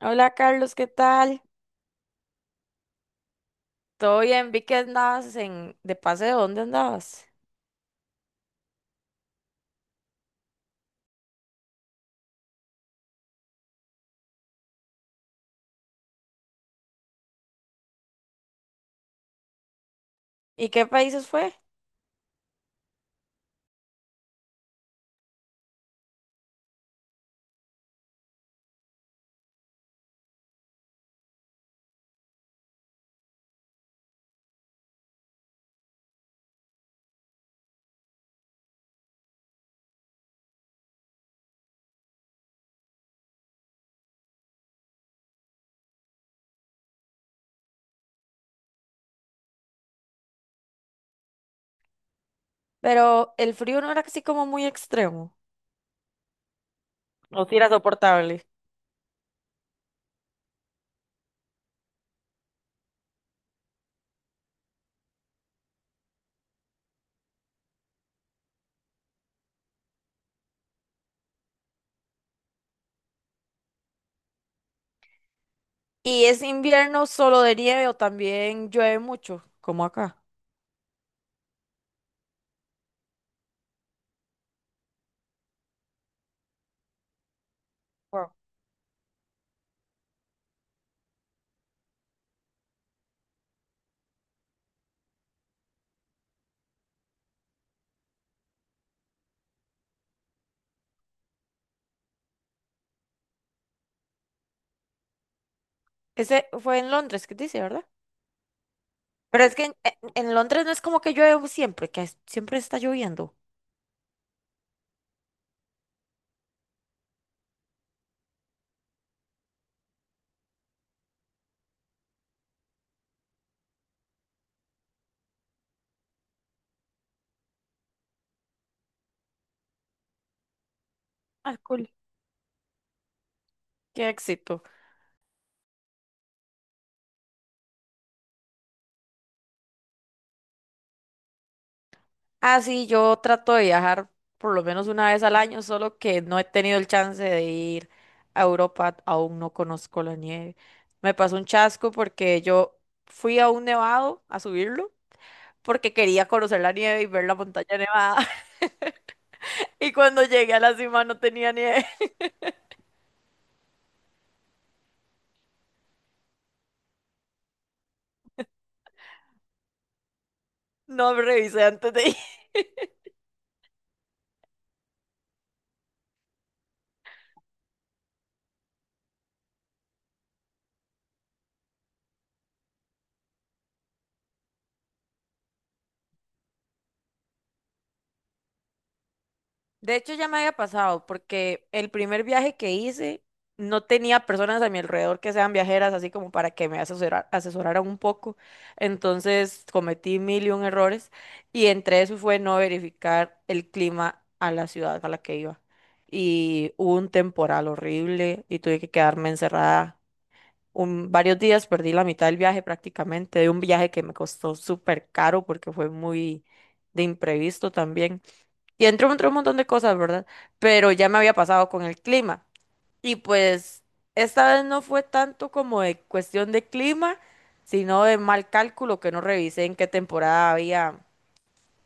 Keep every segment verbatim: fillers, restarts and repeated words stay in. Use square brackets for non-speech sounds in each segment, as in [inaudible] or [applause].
Hola Carlos, ¿qué tal? Todo bien, vi que andabas en de paseo, ¿dónde andabas? ¿Y qué países fue? Pero el frío no era así como muy extremo. O si era soportable. ¿Y es invierno solo de nieve o también llueve mucho, como acá? Wow. Ese fue en Londres, ¿qué dice, verdad? Pero es que en, e, en- en Londres no es como que llueve siempre, que es- siempre está lloviendo. Ah, cool. Qué éxito. Ah, sí, yo trato de viajar por lo menos una vez al año, solo que no he tenido el chance de ir a Europa, aún no conozco la nieve. Me pasó un chasco porque yo fui a un nevado a subirlo, porque quería conocer la nieve y ver la montaña nevada. [laughs] Y cuando llegué a la cima no tenía nieve. [laughs] No revisé antes de ir. De hecho, ya me había pasado porque el primer viaje que hice no tenía personas a mi alrededor que sean viajeras, así como para que me asesora- asesoraran un poco. Entonces cometí mil y un errores, y entre eso fue no verificar el clima a la ciudad a la que iba. Y hubo un temporal horrible y tuve que quedarme encerrada un- varios días, perdí la mitad del viaje prácticamente, de un viaje que me costó súper caro porque fue muy de imprevisto también. Y entró entre un montón de cosas, ¿verdad? Pero ya me había pasado con el clima. Y pues esta vez no fue tanto como de cuestión de clima, sino de mal cálculo, que no revisé en qué temporada había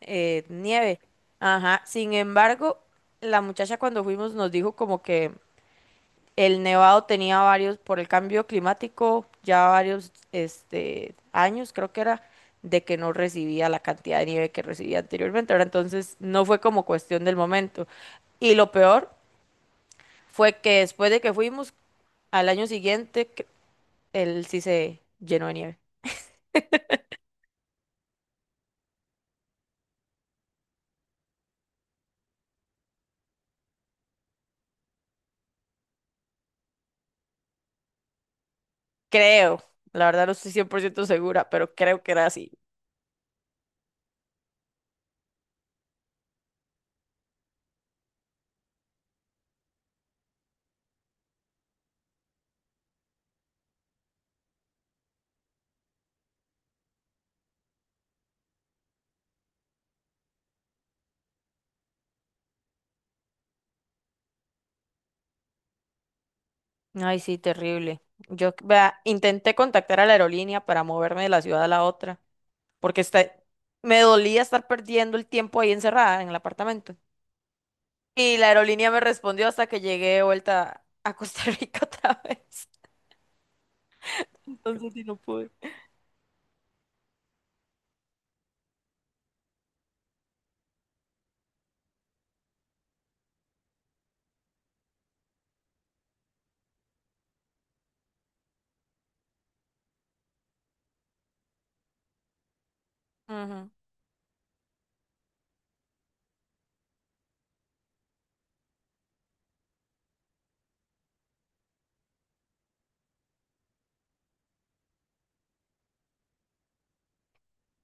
eh, nieve. Ajá, sin embargo, la muchacha cuando fuimos nos dijo como que el Nevado tenía varios, por el cambio climático, ya varios este, años, creo que era, de que no recibía la cantidad de nieve que recibía anteriormente. Ahora, entonces, no fue como cuestión del momento. Y lo peor fue que después de que fuimos, al año siguiente, cre- él sí se llenó de nieve. Creo, la verdad no estoy cien por ciento segura, pero creo que era así. Ay, sí, terrible. Yo, vea, intenté contactar a la aerolínea para moverme de la ciudad a la otra porque está, me dolía estar perdiendo el tiempo ahí encerrada en el apartamento. Y la aerolínea me respondió hasta que llegué de vuelta a Costa Rica [laughs] otra vez. Entonces sí no pude. Ujú.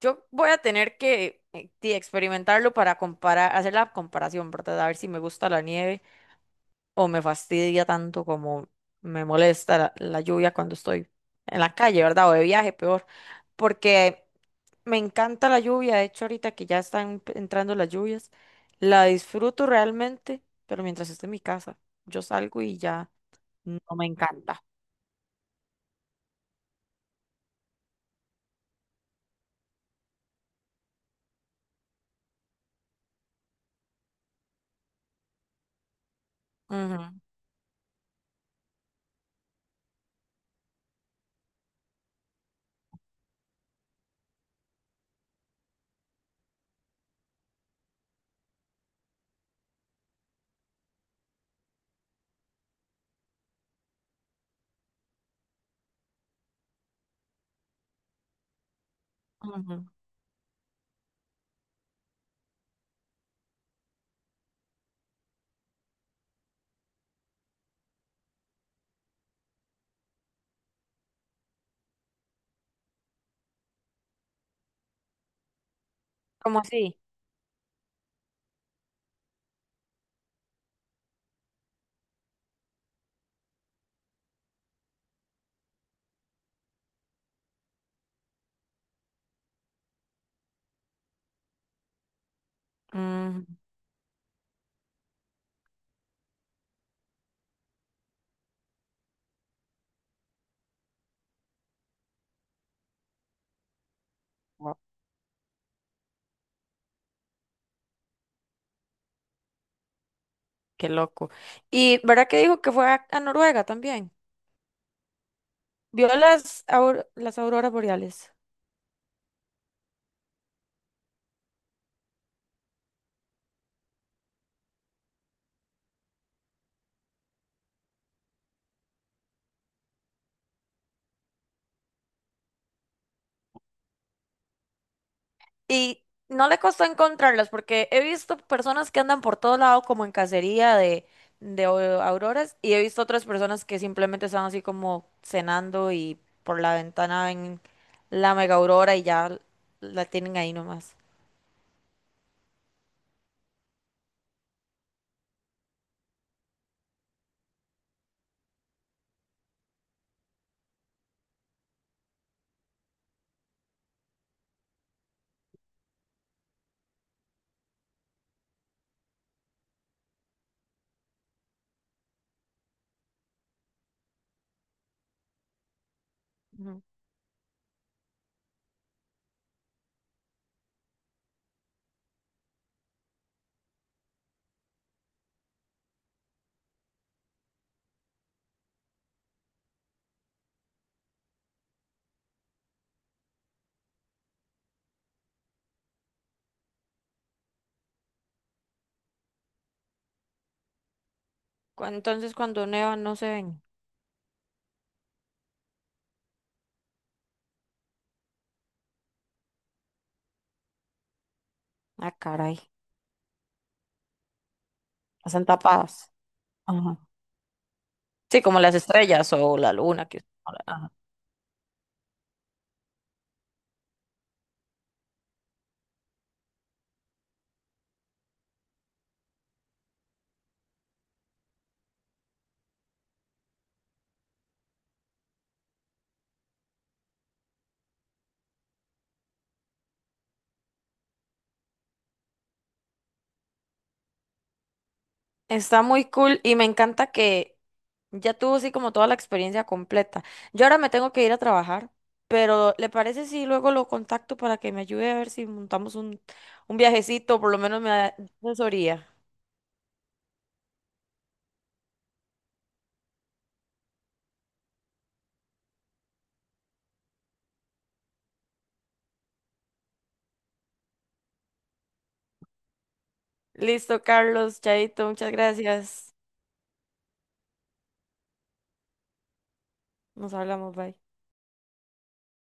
Yo voy a tener que eh, sí, experimentarlo para comparar, hacer la comparación, ¿verdad? A ver si me gusta la nieve o me fastidia tanto como me molesta la, la lluvia cuando estoy en la calle, ¿verdad? O de viaje, peor, porque me encanta la lluvia, de hecho ahorita que ya están p- entrando las lluvias, la disfruto realmente, pero mientras esté en mi casa, yo salgo y ya no me encanta. Ujú, ujú. ¿Cómo así? Ujú, wow, qué loco. ¿Y verdad que dijo que fue a, a Noruega también? ¿Vio las, aur- las auroras boreales? Y no le costó encontrarlas porque he visto personas que andan por todo lado como en cacería de, de au- auroras, y he visto otras personas que simplemente están así como cenando y por la ventana ven la mega aurora y ya la tienen ahí nomás. Ujú. Cu- Entonces cuando nevan no se ven. Ah, caray. Están tapadas. Ajá. Sí, como las estrellas o la luna que... Está muy cool y me encanta que ya tuvo así como toda la experiencia completa. Yo ahora me tengo que ir a trabajar, pero ¿le parece si luego lo contacto para que me ayude a ver si montamos un, un viajecito, por lo menos me da asesoría? Listo, Carlos, Chaito, muchas gracias. Nos hablamos, bye.